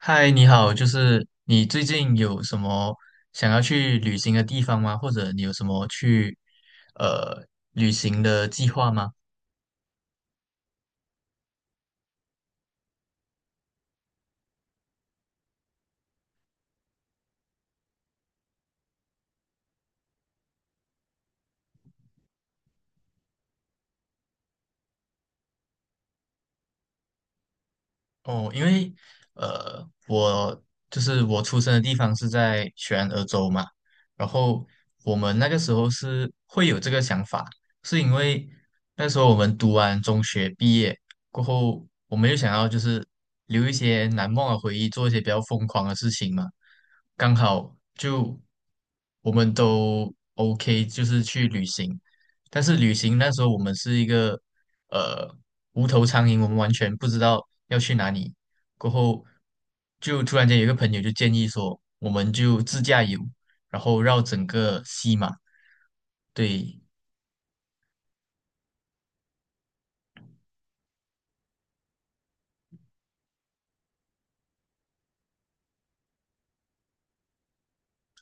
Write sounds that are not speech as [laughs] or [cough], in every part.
嗨，你好，就是你最近有什么想要去旅行的地方吗？或者你有什么去呃旅行的计划吗？哦，因为呃，我就是我出生的地方是在全俄州嘛，然后我们那个时候是会有这个想法，是因为那时候我们读完中学毕业过后，我们又想要就是留一些难忘的回忆，做一些比较疯狂的事情嘛，刚好就我们都 OK，就是去旅行，但是旅行那时候我们是一个呃无头苍蝇，我们完全不知道要去哪里。过后就突然间有一个朋友就建议说，我们就自驾游，然后绕整个西马。对，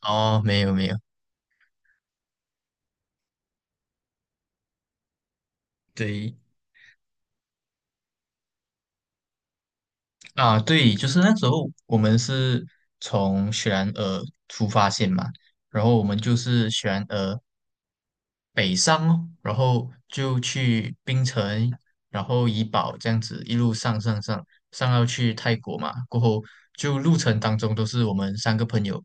哦，没有没有，对啊，对，就是那时候我们是从雪兰莪出发线嘛，然后我们就是雪兰莪北上哦，然后就去槟城，然后怡保这样子一路上上上上到去泰国嘛，过后就路程当中都是我们三个朋友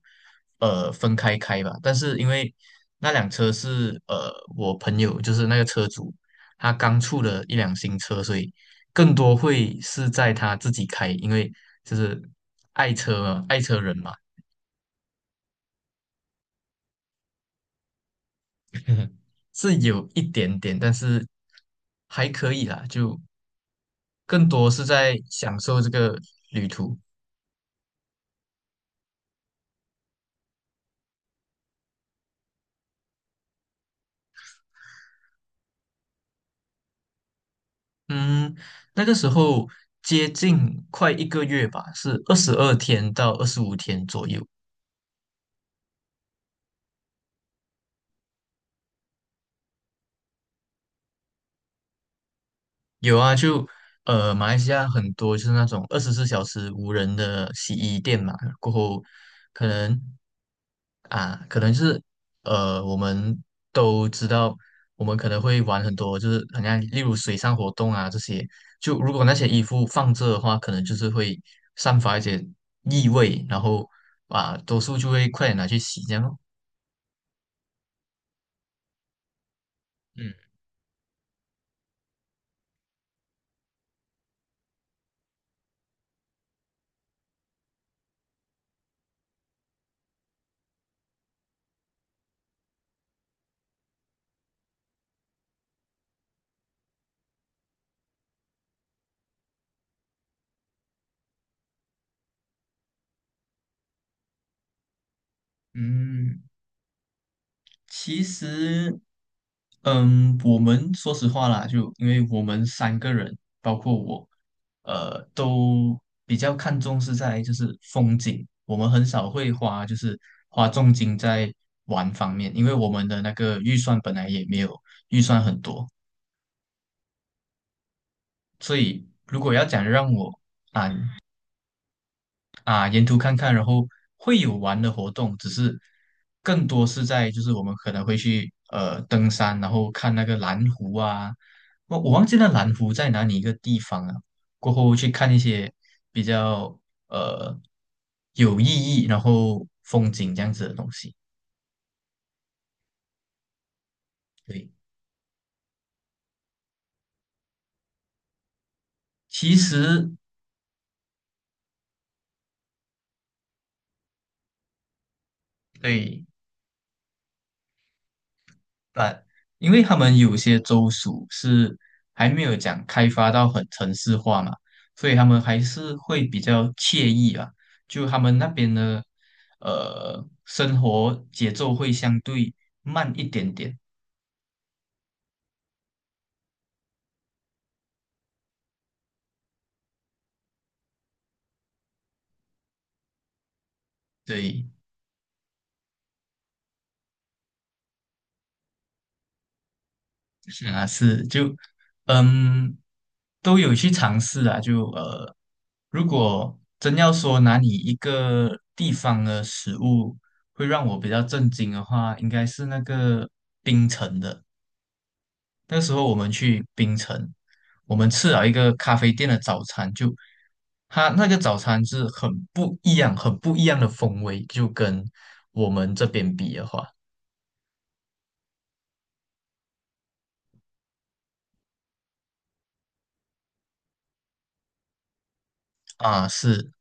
分开开吧，但是因为那辆车是我朋友就是那个车主，他刚出了一辆新车，所以更多会是在他自己开，因为就是爱车嘛爱车人嘛。[laughs] 是有一点点，但是还可以啦，就更多是在享受这个旅途。嗯，那个时候接近快一个月吧，是22天到25天左右。有啊，就马来西亚很多就是那种24小时无人的洗衣店嘛，过后可能可能就是我们都知道，我们可能会玩很多，就是好像例如水上活动啊这些，就如果那些衣服放着的话，可能就是会散发一些异味，然后啊，多数就会快点拿去洗这样咯。嗯嗯，其实，我们说实话啦，就因为我们三个人，包括我，都比较看重是在就是风景，我们很少会花就是花重金在玩方面，因为我们的那个预算本来也没有预算很多，所以如果要讲让我啊沿途看看，然后会有玩的活动，只是更多是在就是我们可能会去登山，然后看那个蓝湖啊，我忘记那蓝湖在哪里一个地方了，过后去看一些比较呃有意义，然后风景这样子的东西。对，其实对，但因为他们有些州属是还没有讲开发到很城市化嘛，所以他们还是会比较惬意啊。就他们那边的生活节奏会相对慢一点点，对，是啊，是就嗯都有去尝试啊，就如果真要说哪里一个地方的食物会让我比较震惊的话，应该是那个冰城的。那时候我们去槟城，我们吃了一个咖啡店的早餐，就它那个早餐是很不一样、很不一样的风味，就跟我们这边比的话，啊，是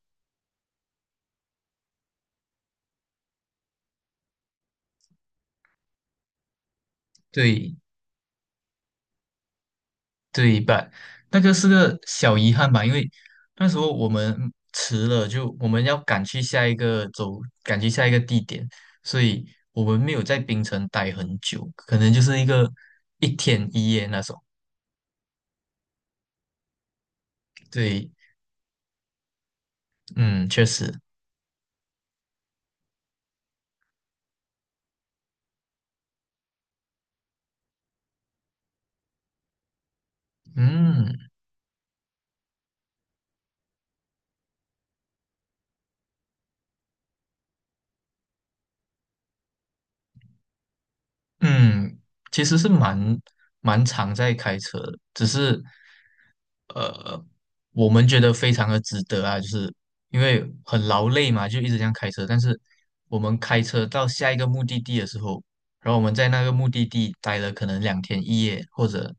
对对半，那个是个小遗憾吧，因为那时候我们迟了，就我们要赶去下一个地点，所以我们没有在槟城待很久，可能就是一个一天一夜那种。对，嗯，确实。嗯。嗯，其实是蛮常在开车的，只是呃，我们觉得非常的值得啊，就是因为很劳累嘛，就一直这样开车。但是我们开车到下一个目的地的时候，然后我们在那个目的地待了可能两天一夜，或者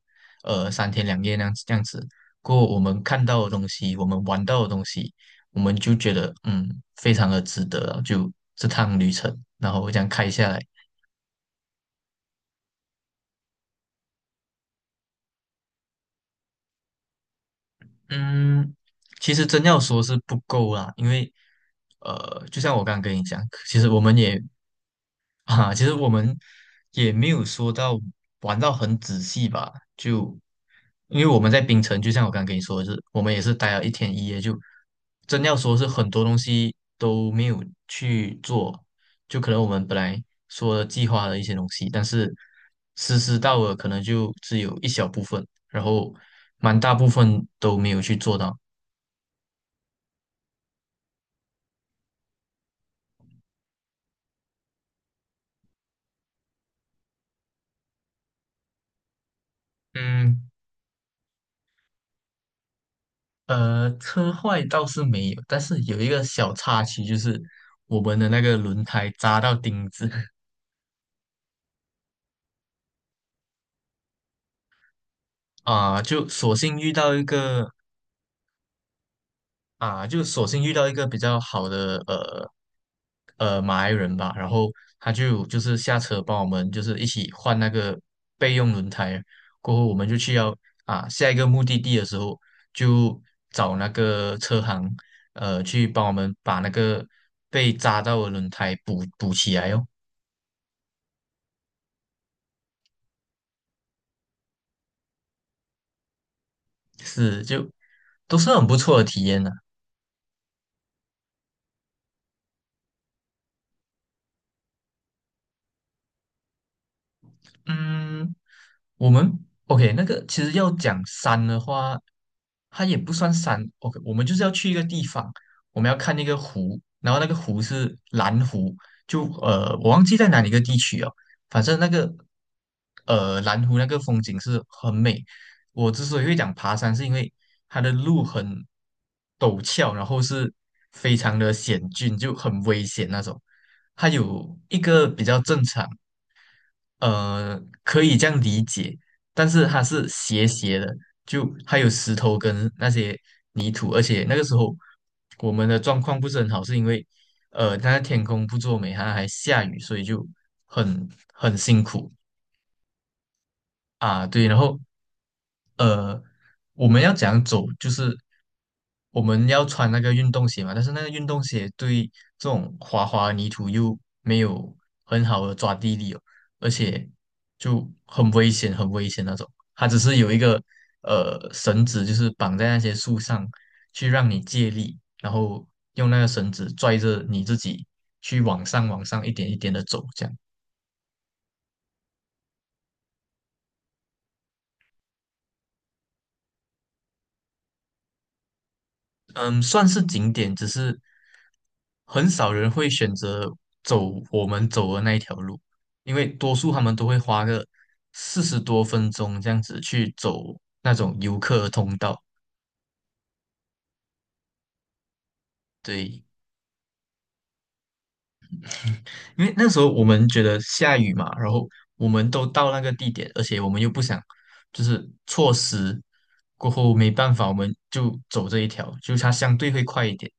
三天两夜那样子这样子。过后我们看到的东西，我们玩到的东西，我们就觉得非常的值得啊，就这趟旅程，然后这样开下来。嗯，其实真要说是不够啦，因为就像我刚刚跟你讲，其实我们也 [laughs] 其实我们也没有说到玩到很仔细吧，就因为我们在槟城，就像我刚刚跟你说的是，我们也是待了一天一夜，就真要说是很多东西都没有去做，就可能我们本来说计划的一些东西，但是实施到了可能就只有一小部分，然后蛮大部分都没有去做到。嗯，车坏倒是没有，但是有一个小插曲，就是我们的那个轮胎扎到钉子 [laughs] 啊、就索性遇到一个就索性遇到一个比较好的马来人吧，然后他就是下车帮我们就是一起换那个备用轮胎，过后我们就去要下一个目的地的时候就找那个车行去帮我们把那个被扎到的轮胎补补起来哦，是就都是很不错的体验呢、嗯，我们 OK，那个其实要讲山的话，它也不算山。OK，我们就是要去一个地方，我们要看那个湖，然后那个湖是蓝湖，就我忘记在哪里一个地区哦，反正那个蓝湖那个风景是很美。我之所以会讲爬山，是因为它的路很陡峭，然后是非常的险峻，就很危险那种。它有一个比较正常。可以这样理解，但是它是斜斜的，就还有石头跟那些泥土，而且那个时候我们的状况不是很好，是因为它天空不作美，它还下雨，所以就很很辛苦啊。对，然后呃，我们要怎样走？就是我们要穿那个运动鞋嘛，但是那个运动鞋对这种滑滑泥土又没有很好的抓地力哦，而且就很危险，很危险那种。它只是有一个绳子，就是绑在那些树上，去让你借力，然后用那个绳子拽着你自己去往上、往上一点一点的走，这样。嗯，算是景点，只是很少人会选择走我们走的那一条路，因为多数他们都会花个40多分钟这样子去走那种游客通道。对，因为那时候我们觉得下雨嘛，然后我们都到那个地点，而且我们又不想就是错失，过后没办法，我们就走这一条，就它相对会快一点。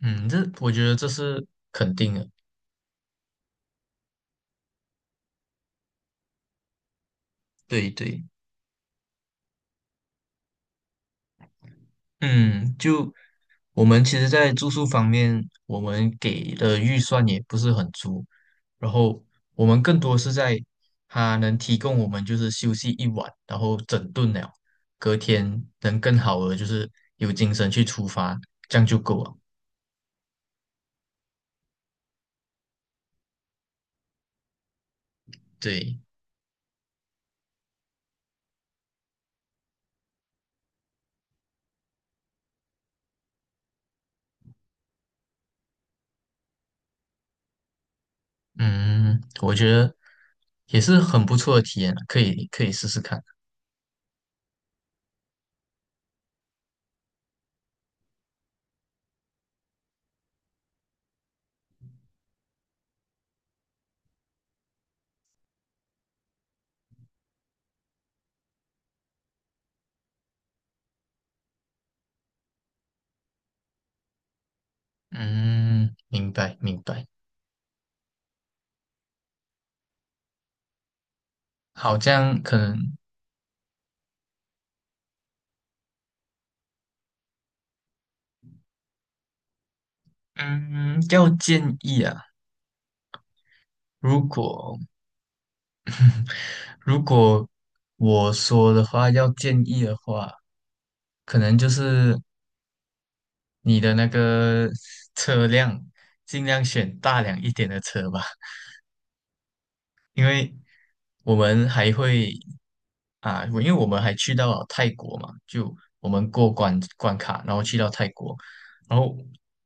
嗯，这我觉得这是肯定的。对对。嗯，就我们其实，在住宿方面，我们给的预算也不是很足，然后我们更多是在它能提供我们就是休息一晚，然后整顿了，隔天能更好的就是有精神去出发，这样就够了。对，嗯，我觉得也是很不错的体验了可以试试看。嗯，明白明白。好，这样可能，嗯，要建议啊。如果如果我说的话，要建议的话，可能就是你的那个 [laughs] 车辆尽量选大辆一点的车吧。因为我们还会啊，我因为我们还去到了泰国嘛，就我们过关关卡，然后去到泰国，然后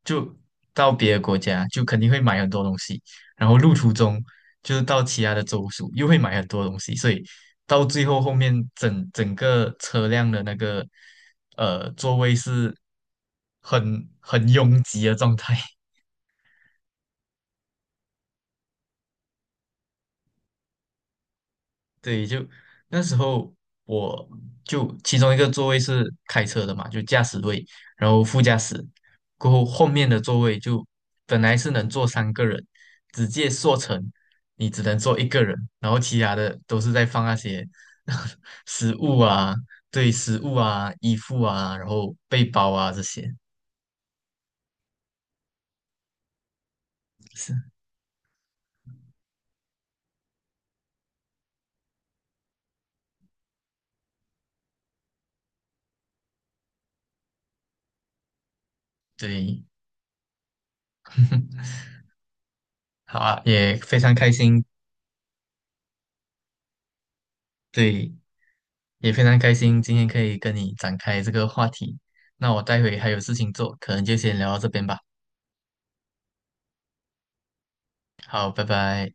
就到别的国家，就肯定会买很多东西，然后路途中就是到其他的州属又会买很多东西，所以到最后后面整个车辆的那个座位是很拥挤的状态。对，就那时候我就其中一个座位是开车的嘛，就驾驶位，然后副驾驶，过后后面的座位就本来是能坐三个人，直接缩成你只能坐一个人，然后其他的都是在放那些 [laughs] 食物啊，对，食物啊，衣服啊，然后背包啊这些，是，对，[laughs] 好啊，也非常开心，对，也非常开心今天可以跟你展开这个话题。那我待会还有事情做，可能就先聊到这边吧。好，拜拜。